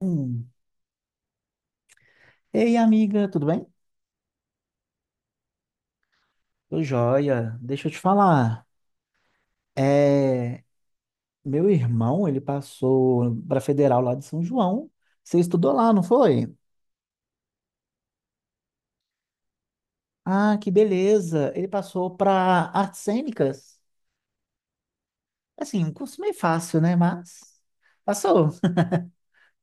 Hum. Ei, amiga, tudo bem? Tô joia. Deixa eu te falar. É, meu irmão, ele passou para Federal lá de São João. Você estudou lá, não foi? Ah, que beleza. Ele passou para Artes Cênicas. Assim, um curso meio fácil, né? Mas passou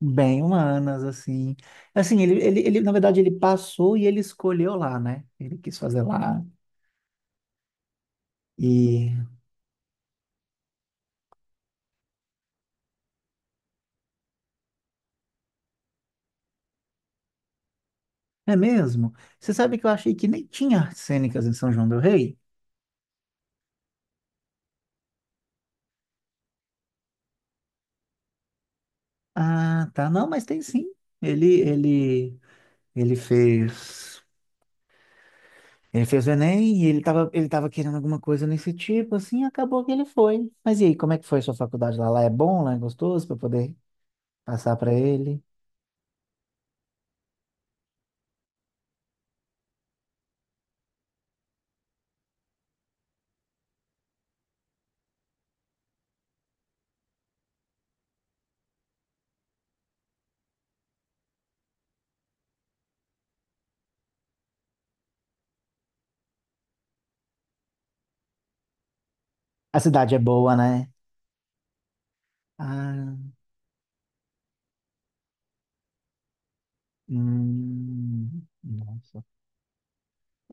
bem humanas, assim. Assim, ele, na verdade, ele passou e ele escolheu lá, né? Ele quis fazer lá. E é mesmo. Você sabe que eu achei que nem tinha artes cênicas em São João del Rei? Ah, tá. Não, mas tem sim. Ele, ele, ele fez, ele fez o Enem e ele tava querendo alguma coisa nesse tipo, assim, acabou que ele foi. Mas e aí, como é que foi a sua faculdade lá? Lá é bom, lá é gostoso para poder passar para ele? A cidade é boa, né? Ah, nossa.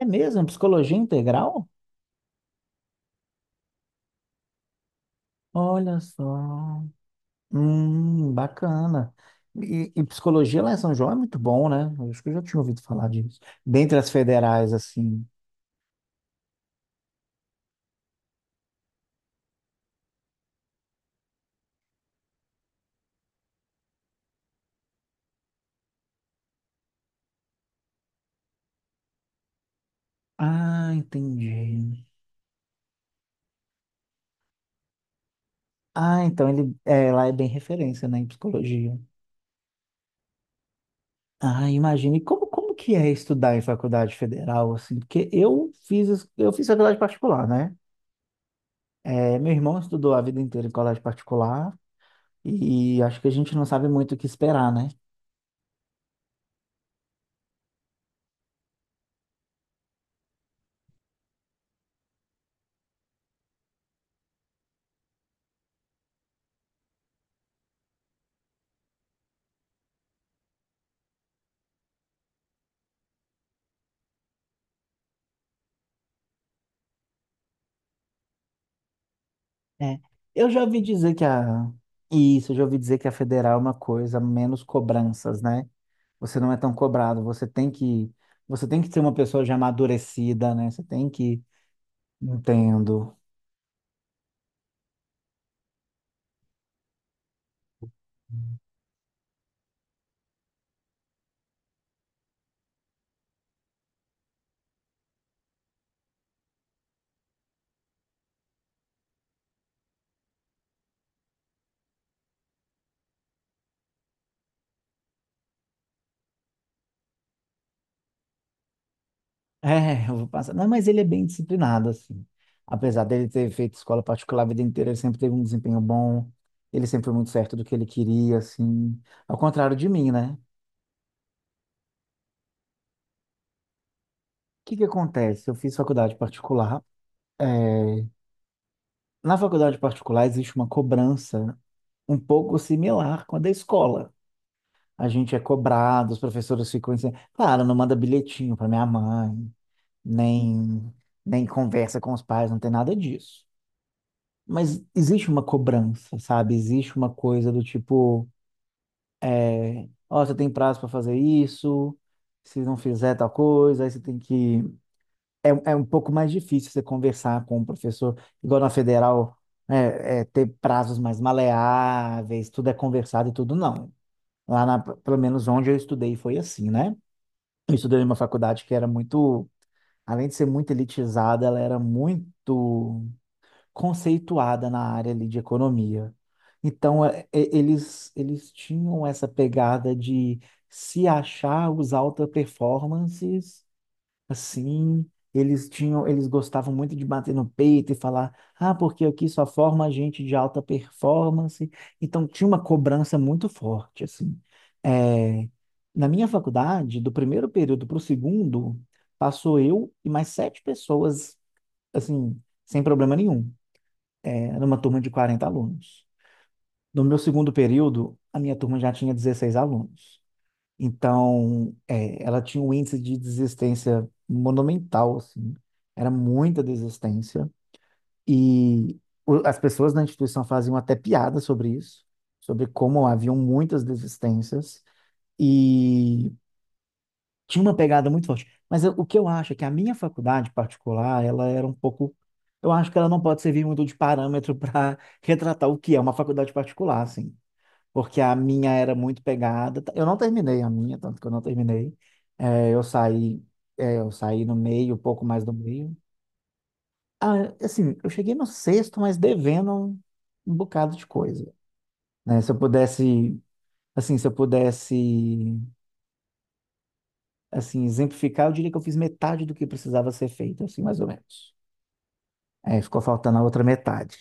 É mesmo? Psicologia integral? Olha só. Bacana. E psicologia lá em São João é muito bom, né? Eu acho que eu já tinha ouvido falar disso. Dentre as federais, assim. Ah, entendi. Ah, então ele é, lá é bem referência, né, em psicologia. Ah, imagina. E como que é estudar em faculdade federal, assim? Porque eu fiz faculdade particular, né? É, meu irmão estudou a vida inteira em colégio particular e acho que a gente não sabe muito o que esperar, né? É, eu já ouvi dizer que a. Isso, eu já ouvi dizer que a federal é uma coisa, menos cobranças, né? Você não é tão cobrado, você tem que. Você tem que ser uma pessoa já amadurecida, né? Você tem que. Entendo. É, eu vou passar. Não, mas ele é bem disciplinado, assim. Apesar dele ter feito escola particular a vida inteira, ele sempre teve um desempenho bom, ele sempre foi muito certo do que ele queria, assim. Ao contrário de mim, né? O que que acontece? Eu fiz faculdade particular. é, Na faculdade particular existe uma cobrança um pouco similar com a da escola. A gente é cobrado, os professores ficam assim, claro, não manda bilhetinho para minha mãe, nem, nem conversa com os pais, não tem nada disso. Mas existe uma cobrança, sabe? Existe uma coisa do tipo, ó, você tem prazo para fazer isso, se não fizer tal coisa, aí você tem que é um pouco mais difícil você conversar com o professor, igual na federal, ter prazos mais maleáveis, tudo é conversado e tudo não. Pelo menos onde eu estudei foi assim, né? Eu estudei numa faculdade que era muito, além de ser muito elitizada, ela era muito conceituada na área ali de economia. Então, eles tinham essa pegada de se achar os alta performances. Assim, eles tinham, eles gostavam muito de bater no peito e falar, ah, porque aqui só forma gente de alta performance. Então tinha uma cobrança muito forte, assim. É, na minha faculdade, do primeiro período para o segundo, passou eu e mais sete pessoas, assim, sem problema nenhum. É, numa turma de 40 alunos. No meu segundo período, a minha turma já tinha 16 alunos. Então, ela tinha um índice de desistência monumental, assim. Era muita desistência. E as pessoas na instituição faziam até piada sobre isso, sobre como haviam muitas desistências. E tinha uma pegada muito forte. Mas o que eu acho é que a minha faculdade particular, ela era um pouco. Eu acho que ela não pode servir muito de parâmetro para retratar o que é uma faculdade particular, assim porque a minha era muito pegada. Eu não terminei a minha, tanto que eu não terminei. É, eu saí, eu saí no meio, um pouco mais do meio. Ah, assim, eu cheguei no sexto, mas devendo um bocado de coisa, né? Se eu pudesse, assim, exemplificar, eu diria que eu fiz metade do que precisava ser feito, assim, mais ou menos. É, ficou faltando a outra metade.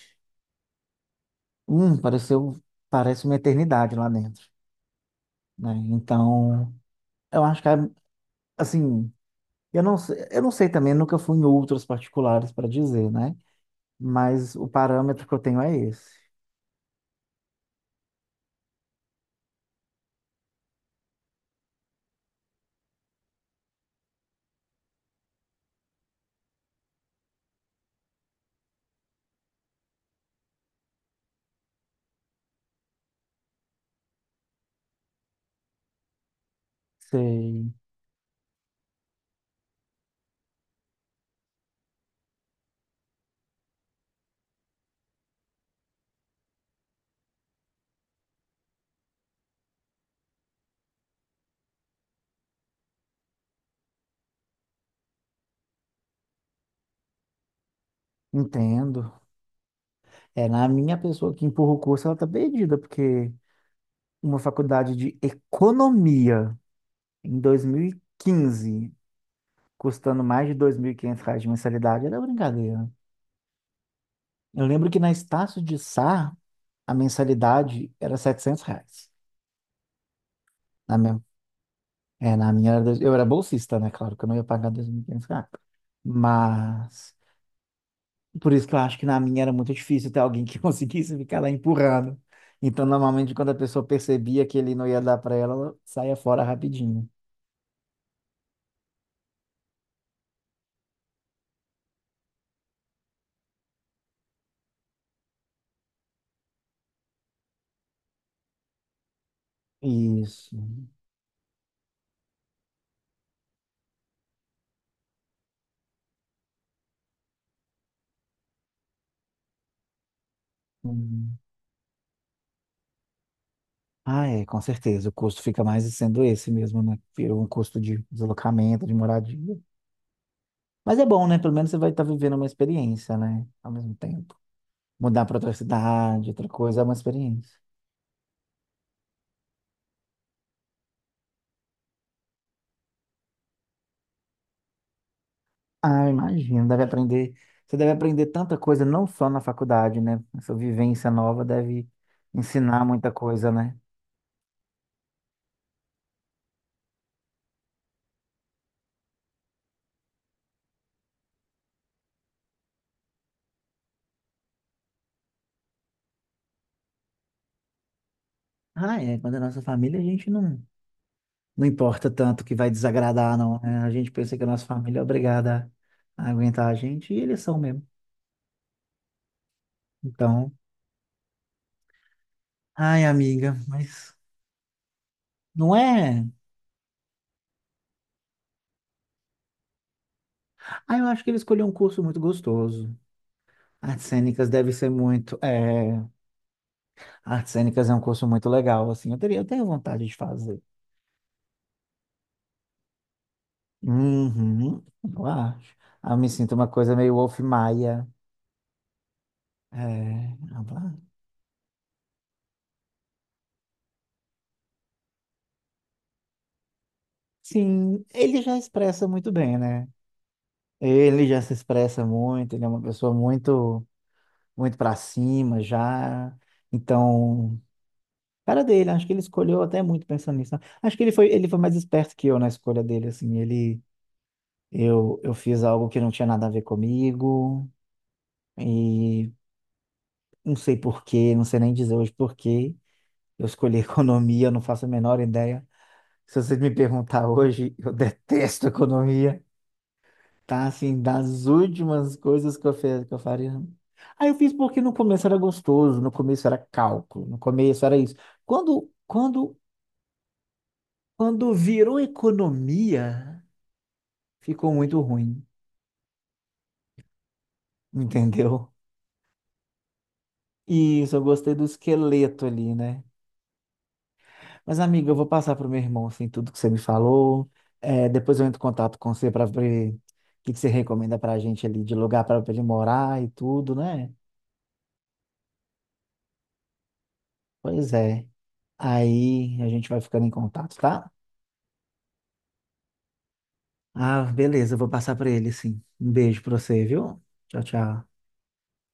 Hum, pareceu, parece uma eternidade lá dentro, né? Então, eu acho que, é, assim, eu não sei, também, nunca fui em outros particulares para dizer, né? Mas o parâmetro que eu tenho é esse. Sei, entendo. É, na minha pessoa que empurra o curso, ela tá perdida, porque uma faculdade de economia em 2015, custando mais de R$ 2.500 de mensalidade, era brincadeira. Eu lembro que na Estácio de Sá, a mensalidade era R$ 700. Na minha, na minha era eu era bolsista, né? Claro que eu não ia pagar R$ 2.500. Mas por isso que eu acho que na minha era muito difícil ter alguém que conseguisse ficar lá empurrando. Então, normalmente, quando a pessoa percebia que ele não ia dar para ela, ela saía fora rapidinho. Isso. Uhum. Ah, é, com certeza. O custo fica mais sendo esse mesmo, né? Virou um custo de deslocamento, de moradia. Mas é bom, né? Pelo menos você vai estar vivendo uma experiência, né? Ao mesmo tempo. Mudar para outra cidade, outra coisa, é uma experiência. Ah, eu imagino, deve aprender. Você deve aprender tanta coisa, não só na faculdade, né? Essa vivência nova deve ensinar muita coisa, né? Ah, é. Quando é nossa família, a gente não, não importa tanto que vai desagradar, não. né? A gente pensa que a nossa família é obrigada a aguentar a gente, e eles são mesmo. Então, ai, amiga, mas não é. Ah, eu acho que ele escolheu um curso muito gostoso. Artes cênicas deve ser muito. É... Artes cênicas é um curso muito legal, assim. Eu tenho vontade de fazer. Uhum, eu acho. Ah, eu me sinto uma coisa meio Wolf Maia. É, abla- sim, ele já expressa muito bem, né? Ele já se expressa muito, ele é uma pessoa muito para cima já. Então, cara dele, acho que ele escolheu até muito pensando nisso. Né? Acho que ele foi mais esperto que eu na escolha dele, assim, ele, eu fiz algo que não tinha nada a ver comigo e não sei por quê, não sei nem dizer hoje por quê. Eu escolhi economia, eu não faço a menor ideia. Se você me perguntar hoje, eu detesto economia. Tá, assim, das últimas coisas que eu faria. Aí eu fiz porque no começo era gostoso, no começo era cálculo, no começo era isso. Quando, quando, quando virou economia, ficou muito ruim, entendeu? Isso, eu gostei do esqueleto ali, né? Mas, amiga, eu vou passar pro meu irmão, assim, tudo que você me falou. É, depois eu entro em contato com você para ver o que que você recomenda pra gente ali de lugar para ele morar e tudo, né? Pois é. Aí a gente vai ficando em contato, tá? Ah, beleza, eu vou passar pra ele, sim. Um beijo pra você, viu? Tchau, tchau.